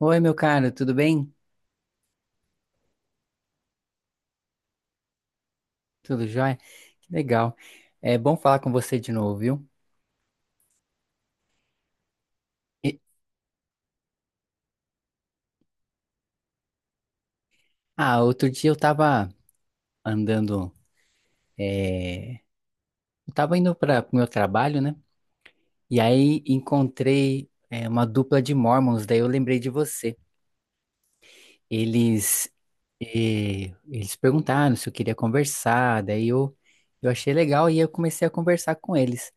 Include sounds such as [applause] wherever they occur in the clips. Oi, meu caro, tudo bem? Tudo jóia? Que legal. É bom falar com você de novo, viu? E- ah, outro dia eu tava andando, é, eu tava indo para o meu trabalho, né? E aí encontrei, uma dupla de Mormons, daí eu lembrei de você. Eles, eles perguntaram se eu queria conversar, daí eu achei legal e eu comecei a conversar com eles.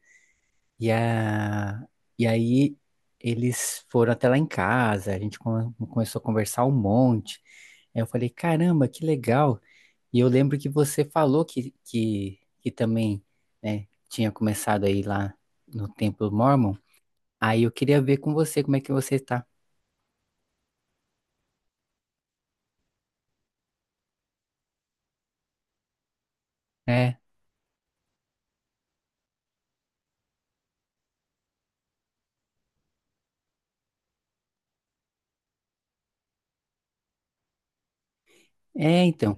E, a... e aí eles foram até lá em casa, a gente começou a conversar um monte. Aí eu falei, caramba, que legal. E eu lembro que você falou que também, né, tinha começado aí lá no Templo Mormon. Aí eu queria ver com você como é que você tá. É, é, então.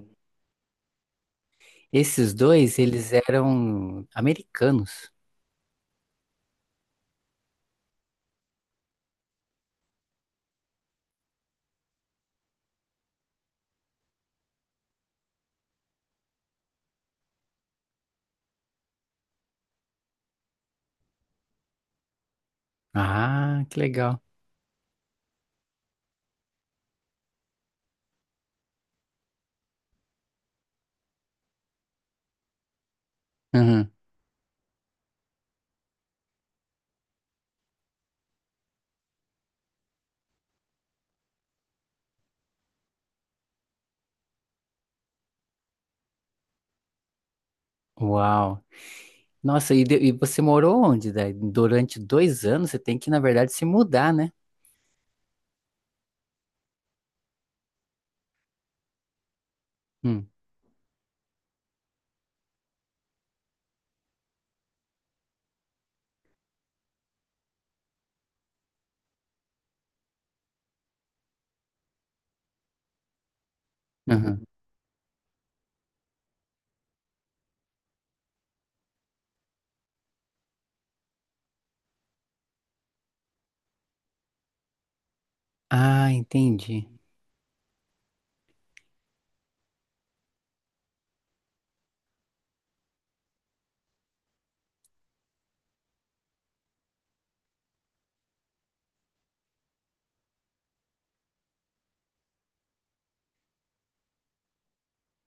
Esses dois, eles eram americanos. Ah, que legal. Uhum. Uau. Nossa, e você morou onde, daí? Durante 2 anos você tem que, na verdade, se mudar, né? Hum, aham. Ah, entendi.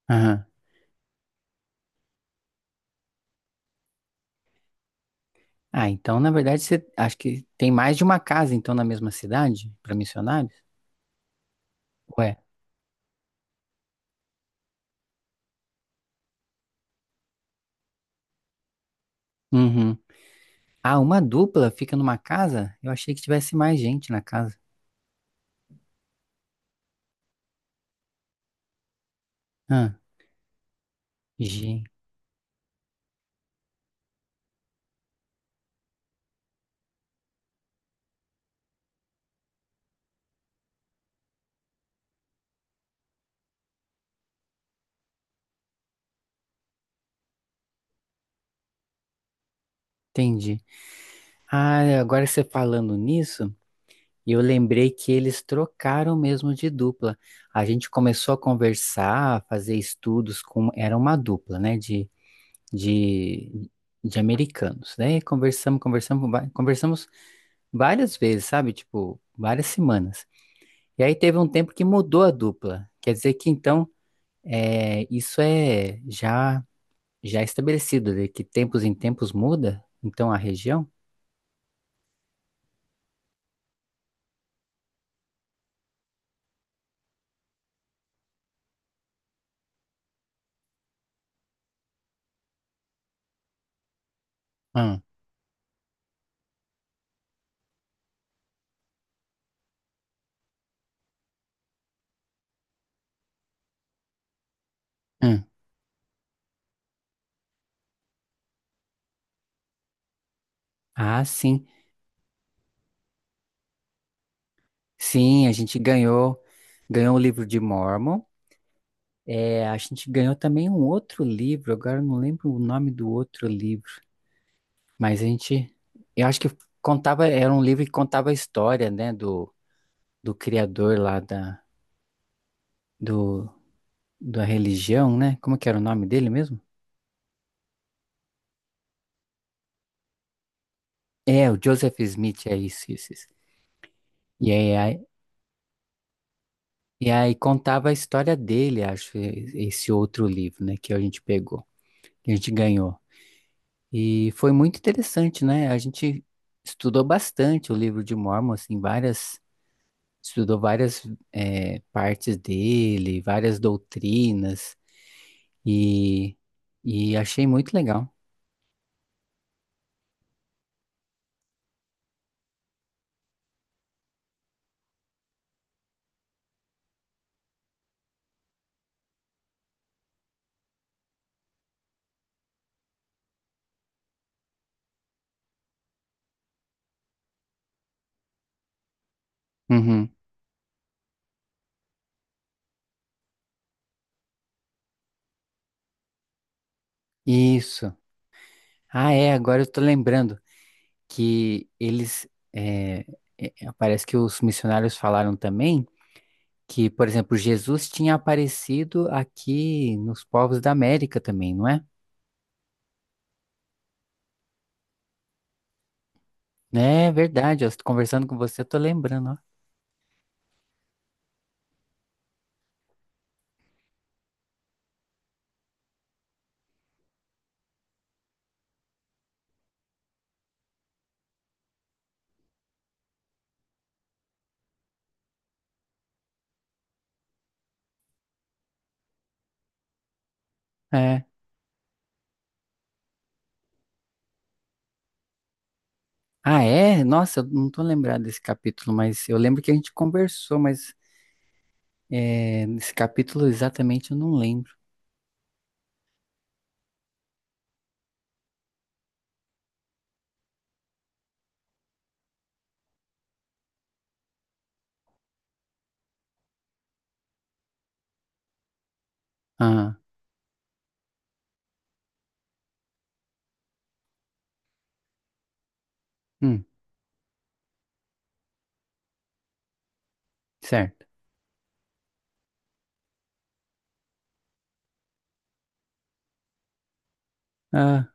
Aham. Ah, então, na verdade, você acho que tem mais de uma casa, então, na mesma cidade, para missionários? Ué. Uhum. Ah, uma dupla fica numa casa? Eu achei que tivesse mais gente na casa. Ah, gente, entendi. Ah, agora você falando nisso. E eu lembrei que eles trocaram mesmo de dupla. A gente começou a conversar, a fazer estudos com. Era uma dupla, né? De, de americanos. Daí conversamos várias vezes, sabe? Tipo, várias semanas. E aí teve um tempo que mudou a dupla. Quer dizer que então, isso é já estabelecido, de que tempos em tempos muda, então a região? Hum, hum. Ah, sim. Sim, a gente ganhou o livro de Mormon. É, a gente ganhou também um outro livro, agora eu não lembro o nome do outro livro, mas eu acho que contava, era um livro que contava a história, né, do criador lá do, da religião, né? Como que era o nome dele mesmo? É, o Joseph Smith, é isso, isso, isso. E aí, aí- e aí contava a história dele, acho, esse outro livro, né, que a gente pegou, que a gente ganhou. E foi muito interessante, né? A gente estudou bastante o livro de Mormon, assim, estudou várias partes dele, várias doutrinas, e, e achei muito legal. Uhum. Isso. Ah, é, agora eu tô lembrando que eles, eh, eh, eh, parece que os missionários falaram também que, por exemplo, Jesus tinha aparecido aqui nos povos da América também, não é? É verdade, eu tô conversando com você, eu tô lembrando. É. Ah, é? Nossa, eu não tô lembrado desse capítulo, mas eu lembro que a gente conversou, mas nesse capítulo exatamente eu não lembro. Ah, hum, certo. Ah,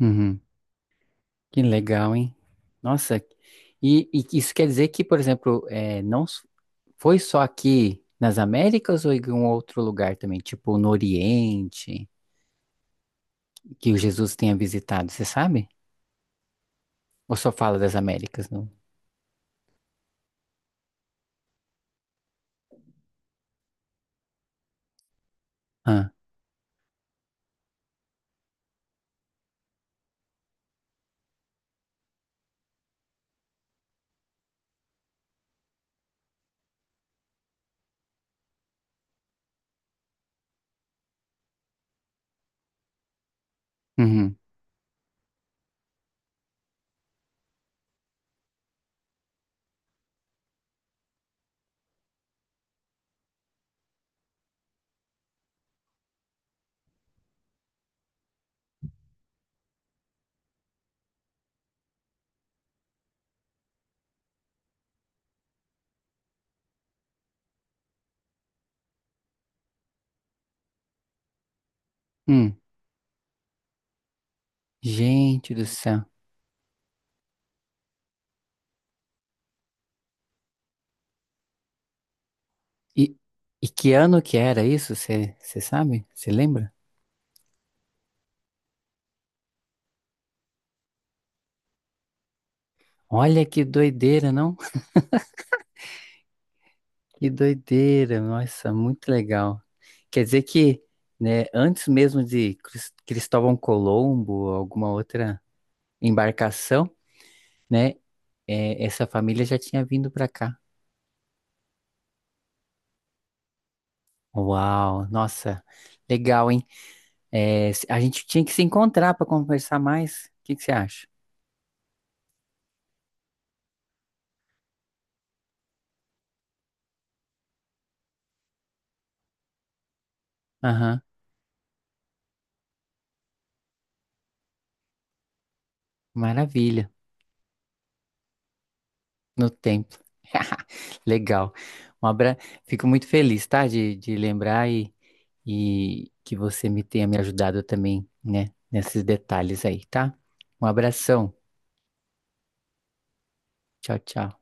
uhum. Que legal, hein? Nossa, e isso quer dizer que, por exemplo, é, não s- foi só aqui nas Américas ou em algum outro lugar também, tipo no Oriente, que o Jesus tenha visitado, você sabe? Ou só fala das Américas, não? Ah, uhum. Hum. Gente do céu. E, e que ano que era isso? Você sabe? Você lembra? Olha que doideira, não? [laughs] Que doideira, nossa, muito legal. Quer dizer que, né, antes mesmo de Cristóvão Colombo ou alguma outra embarcação, né, essa família já tinha vindo para cá. Uau, nossa, legal, hein? É, a gente tinha que se encontrar para conversar mais. O que que você acha? Aham, maravilha. No tempo. [laughs] Legal. Um abra... Fico muito feliz, tá? De lembrar e que você me tenha me ajudado também, né? Nesses detalhes aí, tá? Um abração. Tchau, tchau.